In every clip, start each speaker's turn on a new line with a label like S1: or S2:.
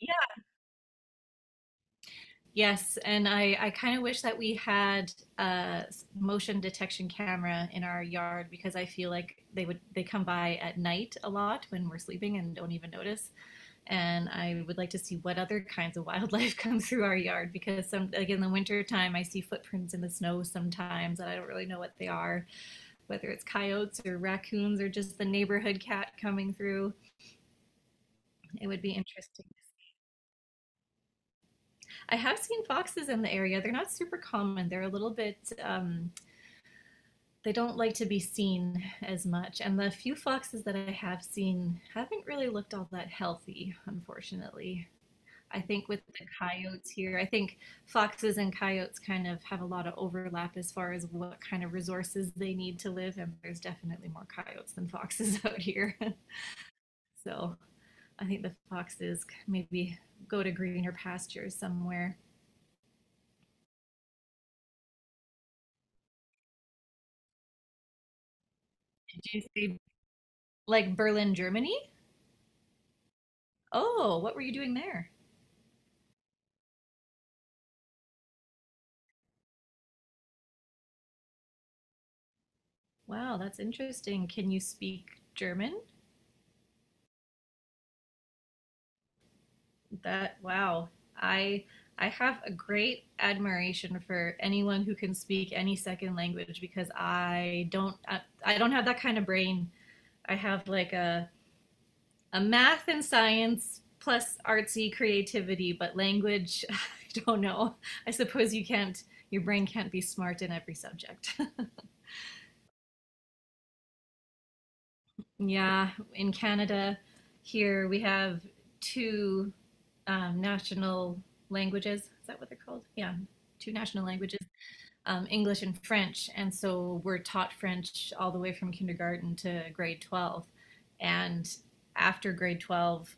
S1: Yeah. Yes, and I kind of wish that we had a motion detection camera in our yard because I feel like they come by at night a lot when we're sleeping and don't even notice. And I would like to see what other kinds of wildlife come through our yard because some like in the winter time I see footprints in the snow sometimes and I don't really know what they are, whether it's coyotes or raccoons or just the neighborhood cat coming through. It would be interesting. I have seen foxes in the area. They're not super common. They're a little bit um, they don't like to be seen as much. And the few foxes that I have seen haven't really looked all that healthy, unfortunately. I think with the coyotes here, I think foxes and coyotes kind of have a lot of overlap as far as what kind of resources they need to live. And there's definitely more coyotes than foxes out here. So I think the foxes maybe go to greener pastures somewhere. Did you say like Berlin, Germany? Oh, what were you doing there? Wow, that's interesting. Can you speak German? That wow. I I have a great admiration for anyone who can speak any second language because I don't have that kind of brain. I have like a math and science plus artsy creativity, but language, I don't know. I suppose your brain can't be smart in every subject. Yeah, in Canada, here we have two national languages. Is that what they're called? Yeah, two national languages, English and French. And so we're taught French all the way from kindergarten to grade 12. And after grade 12,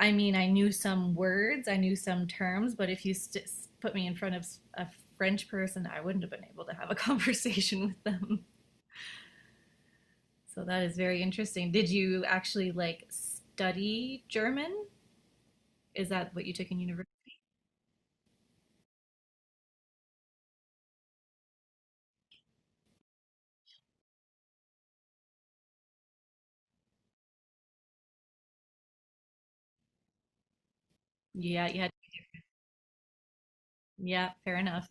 S1: I mean, I knew some words, I knew some terms, but if you st- put me in front of a French person, I wouldn't have been able to have a conversation with them. So that is very interesting. Did you actually like study German? Is that what you took in university? Yeah, yeah, yeah, fair enough.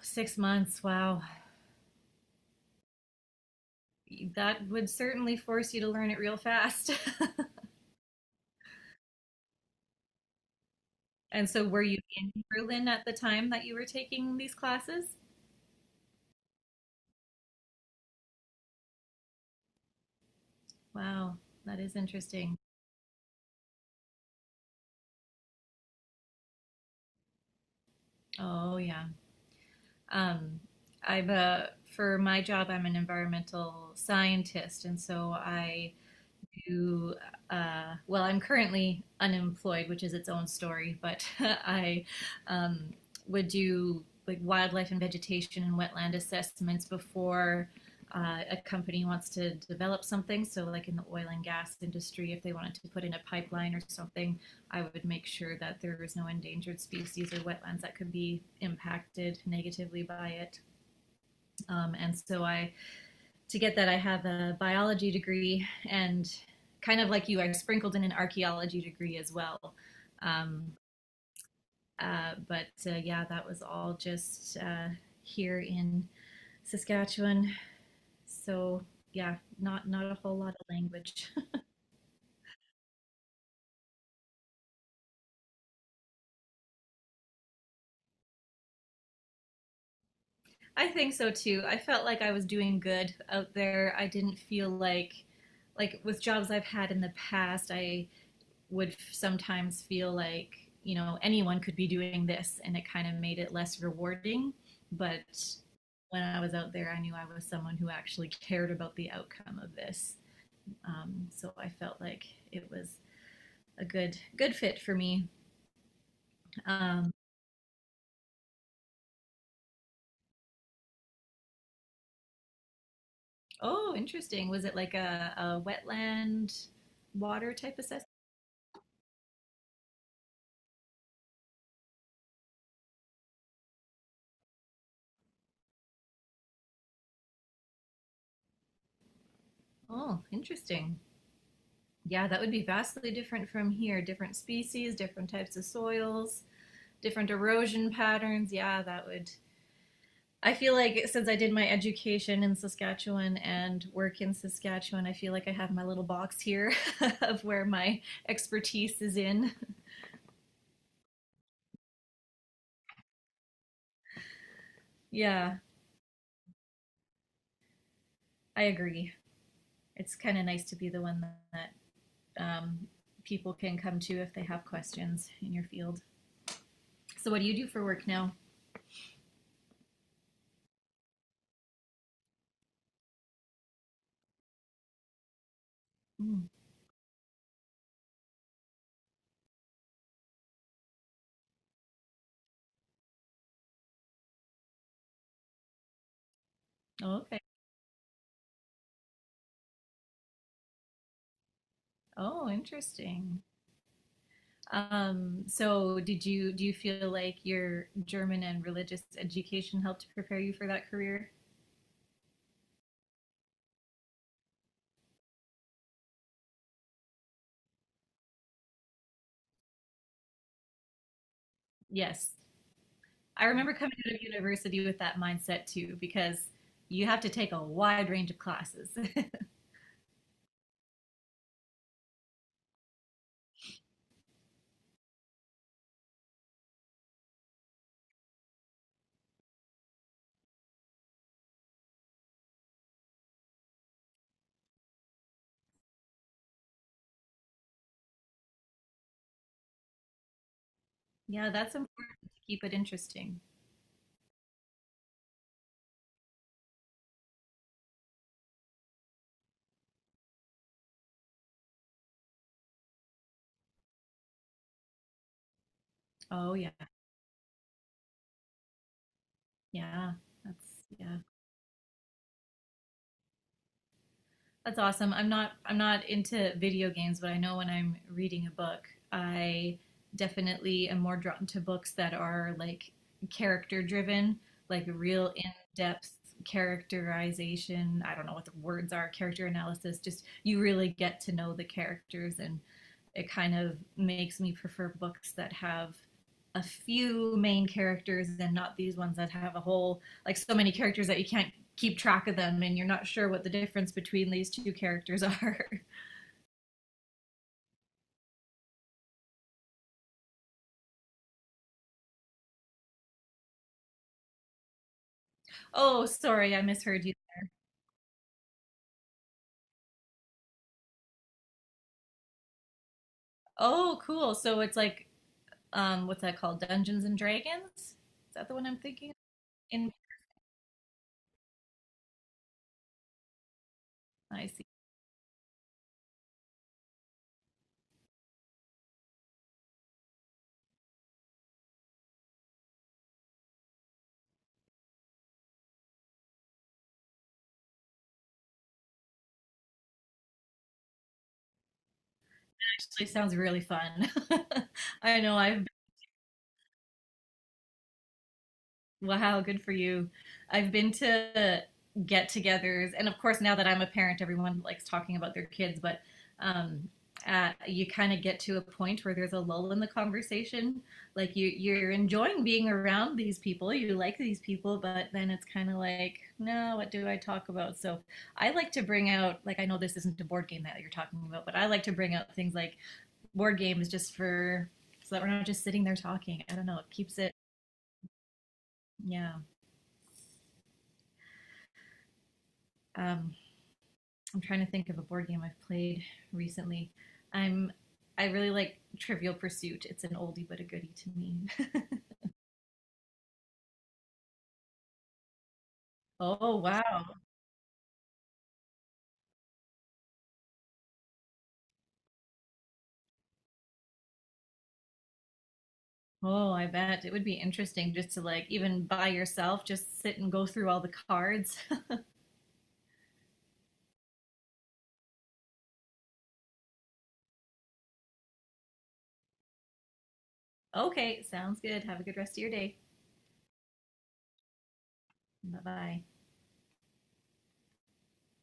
S1: 6 months, wow. That would certainly force you to learn it real fast. And so were you in Berlin at the time that you were taking these classes? Wow, that is interesting. Oh, yeah. Um, I've for my job, I'm an environmental scientist, and so to, well, I'm currently unemployed, which is its own story, but I um, would do like wildlife and vegetation and wetland assessments before a company wants to develop something. So, like in the oil and gas industry, if they wanted to put in a pipeline or something, I would make sure that there was no endangered species or wetlands that could be impacted negatively by it. And so, I to get that, I have a biology degree, and kind of like you, I sprinkled in an archaeology degree as well. Um, but yeah, that was all just here in Saskatchewan. So yeah, not a whole lot of language. I think so too. I felt like I was doing good out there. I didn't feel like with jobs I've had in the past, I would sometimes feel like you know anyone could be doing this and it kind of made it less rewarding but when I was out there I knew I was someone who actually cared about the outcome of this, so I felt like it was a good fit for me. um, oh, interesting, was it like a wetland water type assessment? Oh, interesting, yeah, that would be vastly different from here, different species, different types of soils, different erosion patterns, yeah, that would. I feel like since I did my education in Saskatchewan and work in Saskatchewan, I feel like I have my little box here of where my expertise is in. Yeah, I agree. It's kind of nice to be the one that, um, people can come to if they have questions in your field. So, what do you do for work now? Mm. Oh, okay. Oh, interesting. So, did you do you feel like your German and religious education helped prepare you for that career? Yes. I remember coming out of university with that mindset too, because you have to take a wide range of classes. Yeah, that's important to keep it interesting. Oh yeah, yeah, that's yeah. That's awesome. I'm not into video games, but I know when I'm reading a book, I definitely am more drawn to books that are like character driven, like real in-depth characterization. I don't know what the words are, character analysis. Just you really get to know the characters, and it kind of makes me prefer books that have a few main characters and not these ones that have a whole like so many characters that you can't keep track of them and you're not sure what the difference between these two characters are. Oh, sorry, I misheard you. Oh, cool. So it's like what's that called? Dungeons and Dragons? Is that the one I'm thinking of? In I see. Actually sounds really fun. I know I've. Wow, good for you. I've been to get togethers, and of course, now that I'm a parent, everyone likes talking about their kids, but um, you kind of get to a point where there's a lull in the conversation. Like you're enjoying being around these people, you like these people, but then it's kind of like, no, what do I talk about? So I like to bring out, like, I know this isn't a board game that you're talking about, but I like to bring out things like board games just for so that we're not just sitting there talking. I don't know, it keeps it, yeah. Um, I'm trying to think of a board game I've played recently. I'm I really like Trivial Pursuit. It's an oldie but a goodie to me. Oh wow. Oh, I bet it would be interesting just to like even by yourself just sit and go through all the cards. Okay, sounds good. Have a good rest of your day. Bye-bye.